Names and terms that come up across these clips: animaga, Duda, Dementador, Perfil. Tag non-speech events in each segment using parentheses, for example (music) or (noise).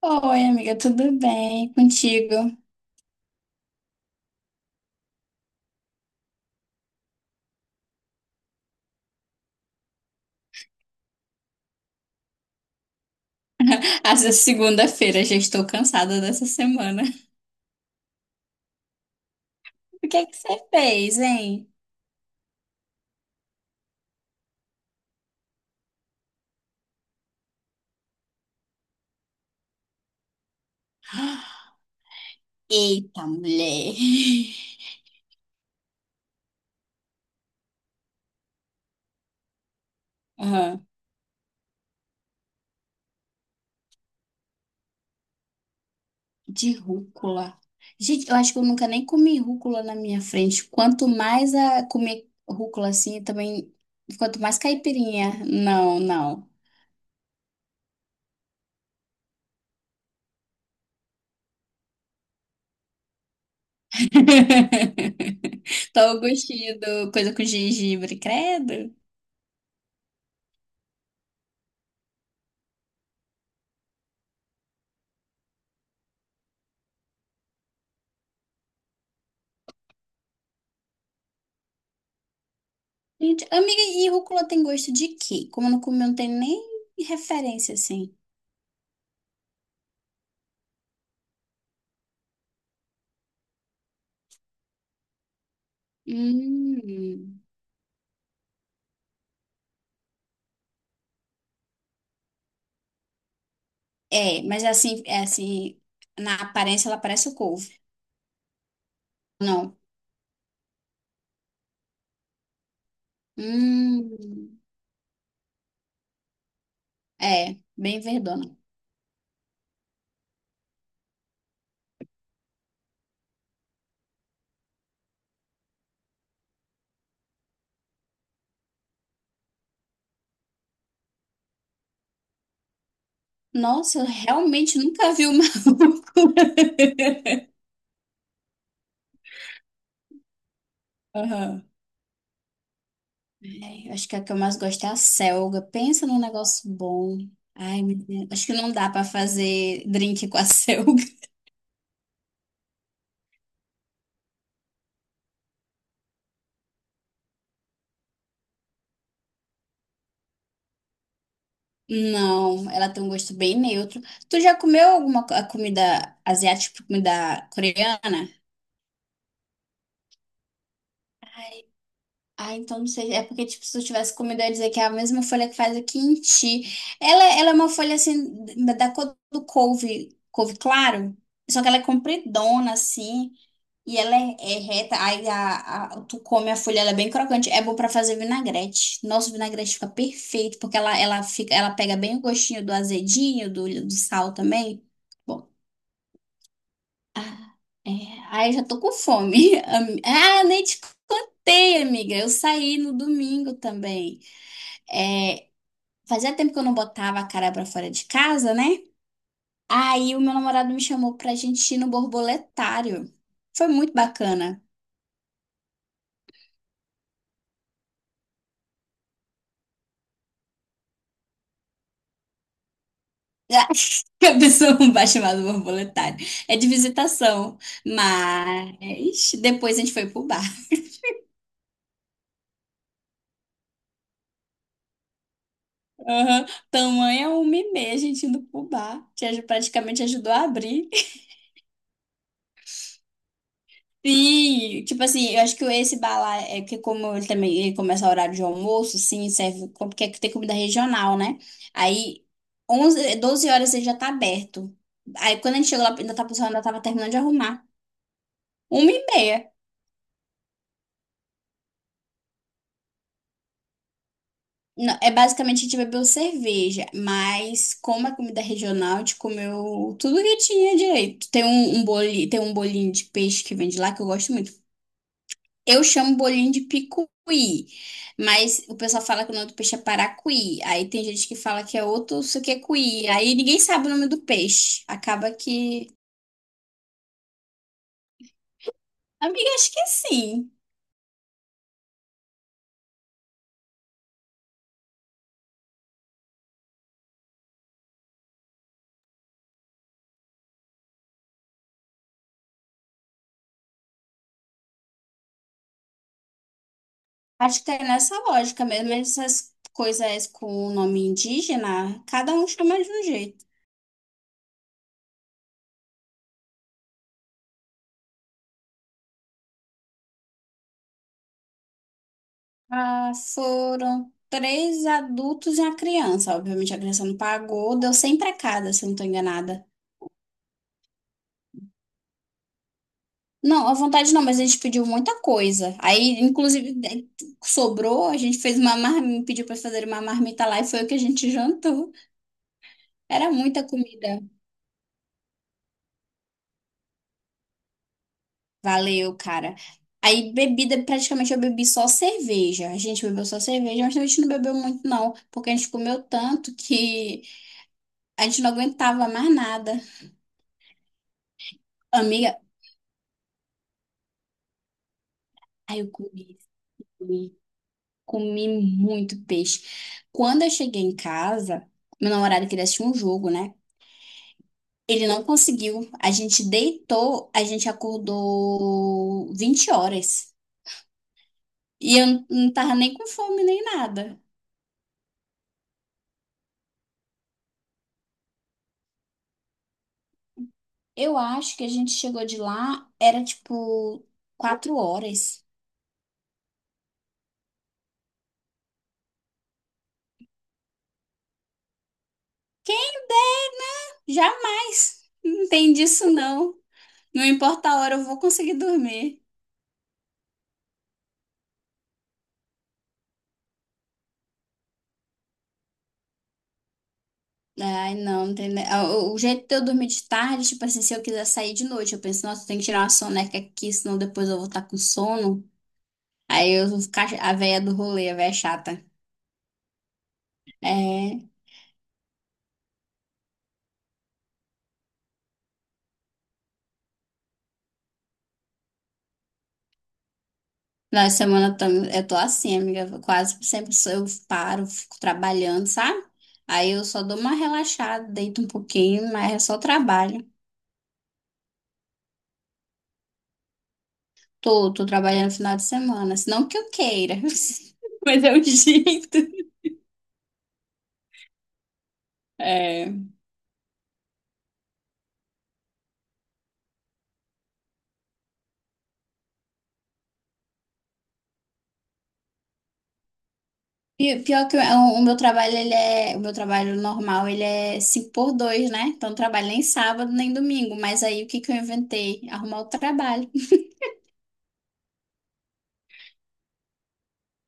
Oi, amiga, tudo bem contigo? (laughs) Essa segunda-feira já estou cansada dessa semana. (laughs) O que é que você fez, hein? Eita, mulher. Aham. De rúcula. Gente, eu acho que eu nunca nem comi rúcula na minha frente. Quanto mais a comer rúcula assim, também. Quanto mais caipirinha. Não, não. (laughs) Tô o gostinho do coisa com gengibre, credo. Gente, amiga, e rúcula tem gosto de quê? Como eu não comi, eu não tem nem referência, assim. Hum. É, mas é assim, na aparência ela parece o couve. Não. Hum. É, bem verdona. Nossa, eu realmente nunca vi uma (laughs) rúcula. Aham. É, eu acho que a que eu mais gosto é a selga. Pensa num negócio bom. Ai, meu Deus. Acho que não dá pra fazer drink com a (laughs) selga. Não, ela tem um gosto bem neutro. Tu já comeu alguma a comida asiática, tipo comida coreana? Ah, então não sei. É porque, tipo, se eu tivesse comido, eu ia dizer que é a mesma folha que faz o quinti. Ela é uma folha, assim, da cor do couve, couve claro. Só que ela é compridona, assim. E ela é reta. Aí tu come a folha, ela é bem crocante. É bom pra fazer vinagrete. Nossa, o vinagrete fica perfeito, porque ela pega bem o gostinho do azedinho, do sal também. Ah, é. Ai, já tô com fome. (laughs) Nem te contei, amiga. Eu saí no domingo também. Fazia tempo que eu não botava a cara pra fora de casa, né? Aí o meu namorado me chamou pra gente ir no borboletário. Foi muito bacana. (laughs) A pessoa não vai chamar do (laughs) borboletário. É de visitação. Mas depois a gente foi pro bar. Aham. Tamanho é 1h30, a gente indo pro bar. Praticamente ajudou a abrir. Sim, tipo assim, eu acho que esse bar lá é que como ele também ele começa a horário de almoço, sim, serve porque tem comida regional, né? Aí 11 12 horas ele já tá aberto. Aí quando a gente chegou lá, ainda tá pessoal ainda tava terminando de arrumar. 1h30. Não, é basicamente a gente bebeu cerveja, mas como é comida regional, a gente comeu tudo que tinha direito. Tem um bolinho, tem um bolinho de peixe que vende lá que eu gosto muito. Eu chamo bolinho de picuí, mas o pessoal fala que o nome do peixe é paracuí. Aí tem gente que fala que é outro, isso que é cuí. Aí ninguém sabe o nome do peixe. Acaba que. Amiga, acho que sim. Acho que é nessa lógica mesmo. Essas coisas com o nome indígena, cada um chama de um jeito. Ah, foram três adultos e uma criança. Obviamente a criança não pagou, deu 100 pra cada, se eu não tô enganada. Não, à vontade não, mas a gente pediu muita coisa. Aí, inclusive, sobrou, a gente fez uma marmita, pediu para fazer uma marmita lá e foi o que a gente (laughs) jantou. Era muita comida. Valeu, cara. Aí, bebida, praticamente eu bebi só cerveja. A gente bebeu só cerveja, mas a gente não bebeu muito, não, porque a gente comeu tanto que a gente não aguentava mais nada. Amiga, aí eu comi, comi, comi muito peixe. Quando eu cheguei em casa, meu namorado queria assistir um jogo, né? Ele não conseguiu. A gente deitou, a gente acordou 20h. E eu não tava nem com fome nem nada. Eu acho que a gente chegou de lá, era tipo 4h. Jamais! Não tem disso não. Não importa a hora, eu vou conseguir dormir. Ai, não, não tem. O jeito de eu dormir de tarde, tipo assim, se eu quiser sair de noite, eu penso, nossa, eu tenho que tirar uma soneca aqui, senão depois eu vou estar com sono. Aí eu vou ficar a véia do rolê, a véia chata. É. Na semana eu tô assim, amiga. Eu Quase sempre sou- eu paro, fico trabalhando, sabe? Aí eu só dou uma relaxada, deito um pouquinho, mas é só trabalho. Tô trabalhando no final de semana. Se Não que eu queira, (laughs) mas é o jeito. É. E pior que o meu trabalho, o meu trabalho normal, ele é 5 por dois, né? Então eu trabalho nem sábado, nem domingo. Mas aí o que que eu inventei? Arrumar o trabalho.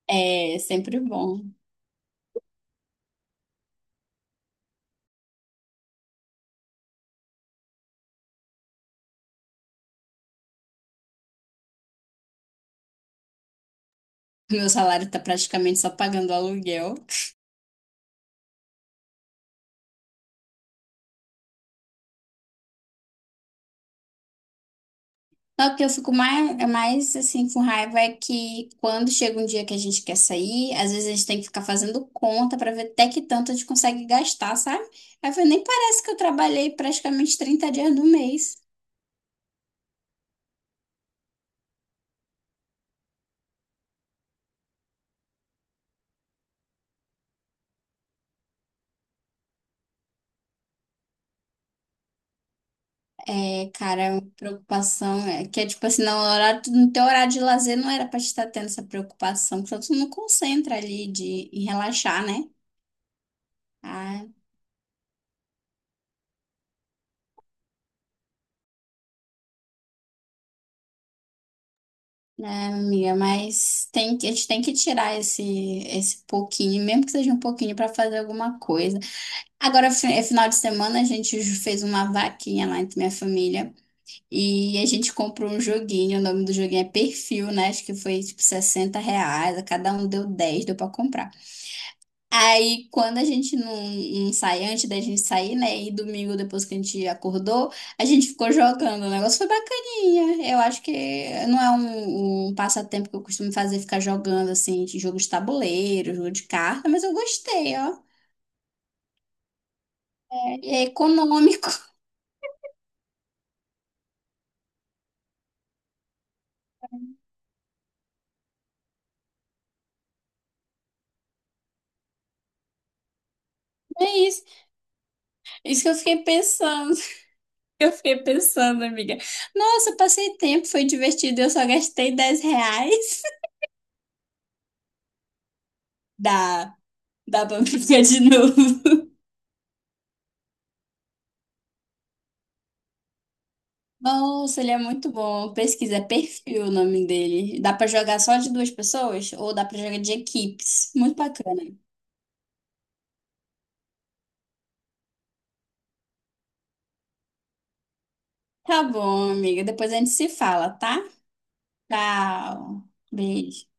É sempre bom. Meu salário tá praticamente só pagando aluguel. Não, o que eu fico mais, é mais assim com raiva é que quando chega um dia que a gente quer sair, às vezes a gente tem que ficar fazendo conta pra ver até que tanto a gente consegue gastar, sabe? Aí eu falei, nem parece que eu trabalhei praticamente 30 dias do mês. É, cara, preocupação é que é tipo assim, não, no horário, no teu horário de lazer não era pra te estar tendo essa preocupação, porque tu não concentra ali em relaxar, né? Ah, né, amiga? Mas a gente tem que tirar esse pouquinho, mesmo que seja um pouquinho, para fazer alguma coisa. Agora, é final de semana, a gente fez uma vaquinha lá entre minha família e a gente comprou um joguinho. O nome do joguinho é Perfil, né? Acho que foi tipo R$ 60. A Cada um deu 10, deu para comprar. Aí, quando a gente não sai antes da gente sair, né? E domingo, depois que a gente acordou, a gente ficou jogando. O negócio foi bacaninha. Eu acho que não é um passatempo que eu costumo fazer, ficar jogando, assim, de jogo de tabuleiro, jogo de carta, mas eu gostei, ó. É, e é econômico. (laughs) É isso. Isso que eu fiquei pensando. (laughs) Eu fiquei pensando, amiga. Nossa, eu passei tempo, foi divertido, eu só gastei R$ 10. Dá, dá pra brincar de novo. Nossa, ele é muito bom. Pesquisa, é perfil o nome dele. Dá pra jogar só de duas pessoas ou dá pra jogar de equipes? Muito bacana. Tá bom, amiga. Depois a gente se fala, tá? Tchau. Beijo.